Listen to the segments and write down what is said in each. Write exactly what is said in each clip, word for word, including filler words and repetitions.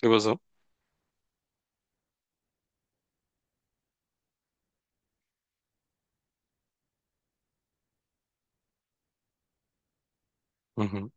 ¿Qué pasó? Ujú,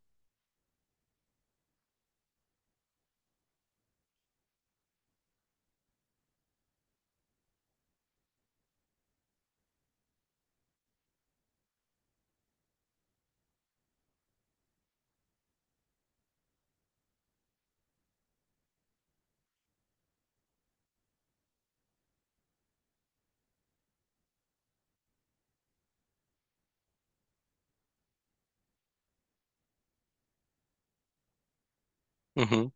ujú,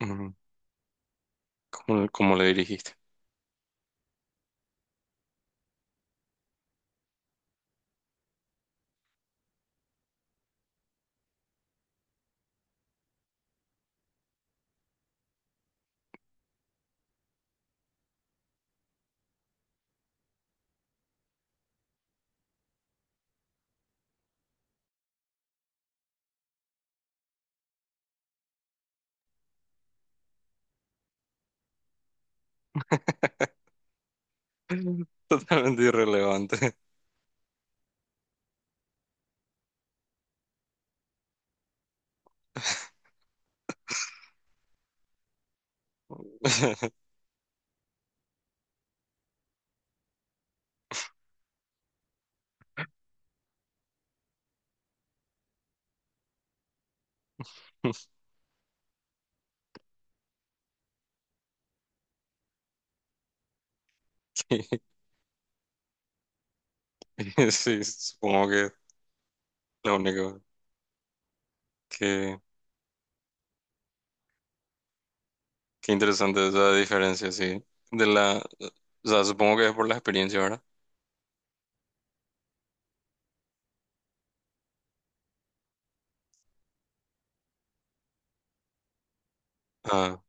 ujú. ¿Cómo, cómo le dirigiste? Totalmente irrelevante. Sí, sí, supongo que lo único que, que interesante es la diferencia, sí. De la, o sea, supongo que es por la experiencia, ¿verdad? Ah,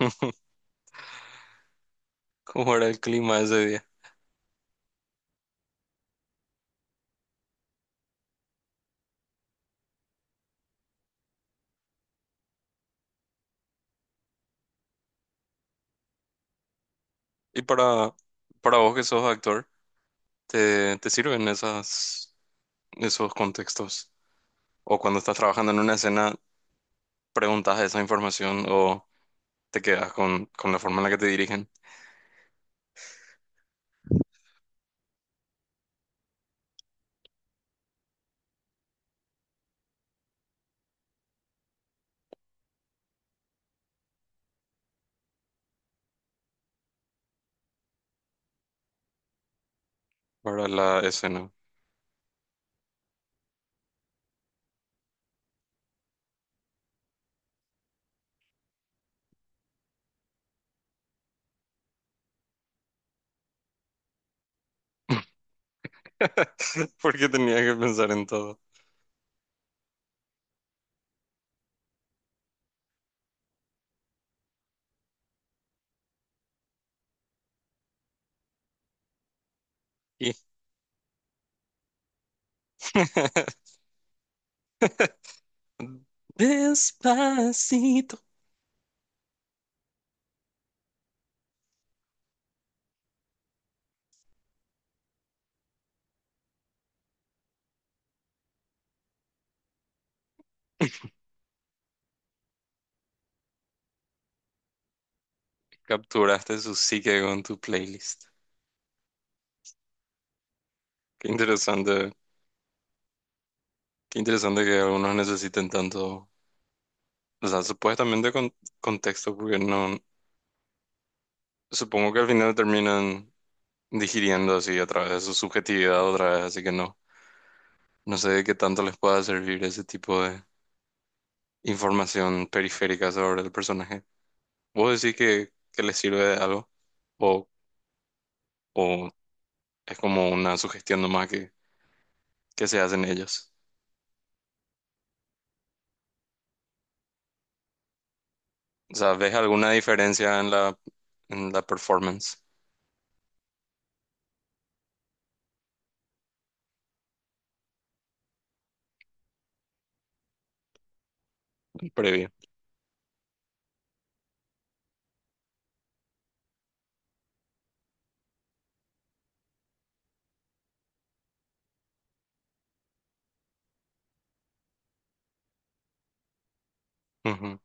¿cómo era el clima ese día? Y para, para vos que sos actor, ¿te, te sirven esas, esos contextos? O cuando estás trabajando en una escena, ¿preguntas esa información o te quedas con, con la forma en la que te dirigen para la escena? Porque tenía que pensar en todo. Y Despacito. Capturaste su psique con tu playlist. Qué interesante, qué interesante que algunos necesiten tanto, o sea, supuestamente con contexto, porque no, supongo que al final terminan digiriendo así a través de su subjetividad otra vez, así que no, no sé de qué tanto les pueda servir ese tipo de información periférica sobre el personaje. ¿Vos decís que, que le sirve de algo? ¿O, o es como una sugestión nomás que, que se hacen ellos? O sea, ¿ves alguna diferencia en la, en la performance previa? Ujú,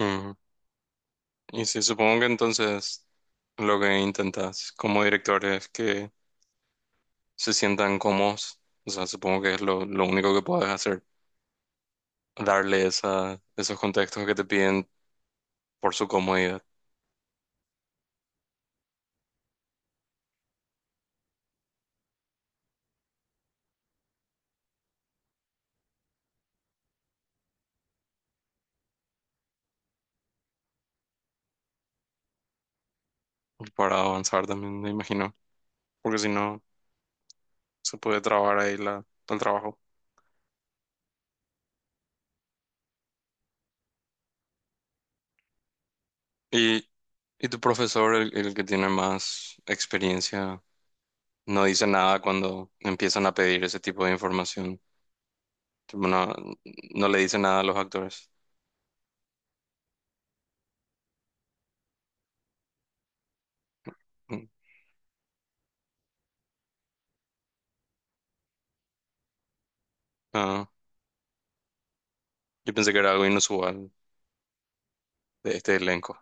ujú. Y sí, supongo que entonces lo que intentas como director es que se sientan cómodos. O sea, supongo que es lo, lo único que puedes hacer, darle esa, esos contextos que te piden por su comodidad para avanzar también, me imagino. Porque si no se puede trabajar ahí la, el trabajo. Y, y tu profesor, el, el que tiene más experiencia, no dice nada cuando empiezan a pedir ese tipo de información. Tipo, no, no le dice nada a los actores. Mm. Ah, yo pensé que era algo inusual de este elenco.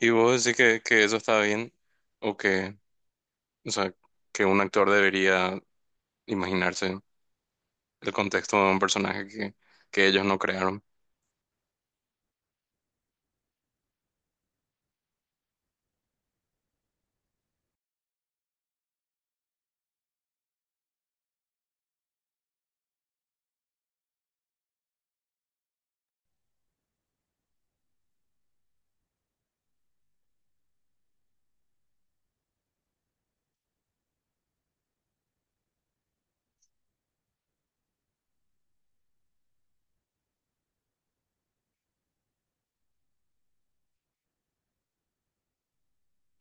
¿Y vos decís que, que eso está bien? ¿O que, o sea, que un actor debería imaginarse el contexto de un personaje que, que ellos no crearon?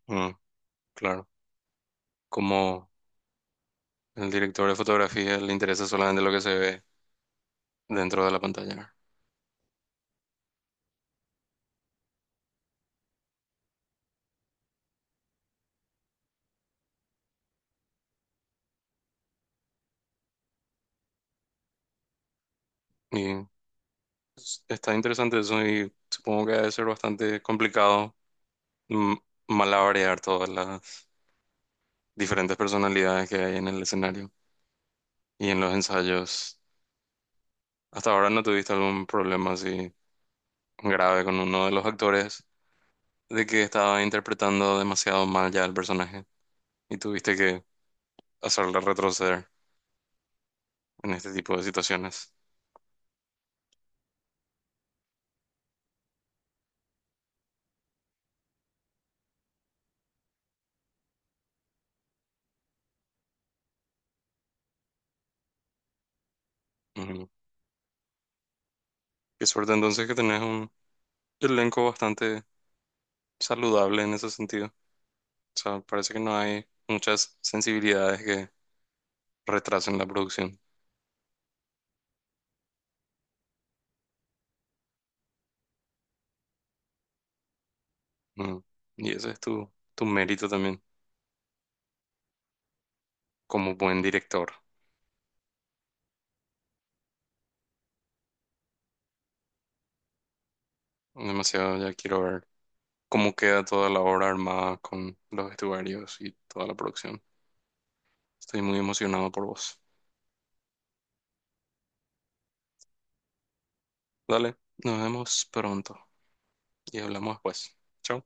Mm, claro. Como el director de fotografía le interesa solamente lo que se ve dentro de la pantalla. Y es- está interesante eso y supongo que debe ser bastante complicado, mm, malabarear todas las diferentes personalidades que hay en el escenario y en los ensayos. ¿Hasta ahora no tuviste algún problema así grave con uno de los actores de que estaba interpretando demasiado mal ya el personaje y tuviste que hacerle retroceder en este tipo de situaciones? Ujú. Qué suerte entonces que tenés un elenco bastante saludable en ese sentido. O sea, parece que no hay muchas sensibilidades que retrasen la producción. Mm. Y ese es tu, tu mérito también como buen director. Demasiado ya quiero ver cómo queda toda la obra armada con los vestuarios y toda la producción. Estoy muy emocionado por vos. Dale, nos vemos pronto y hablamos después. Chao.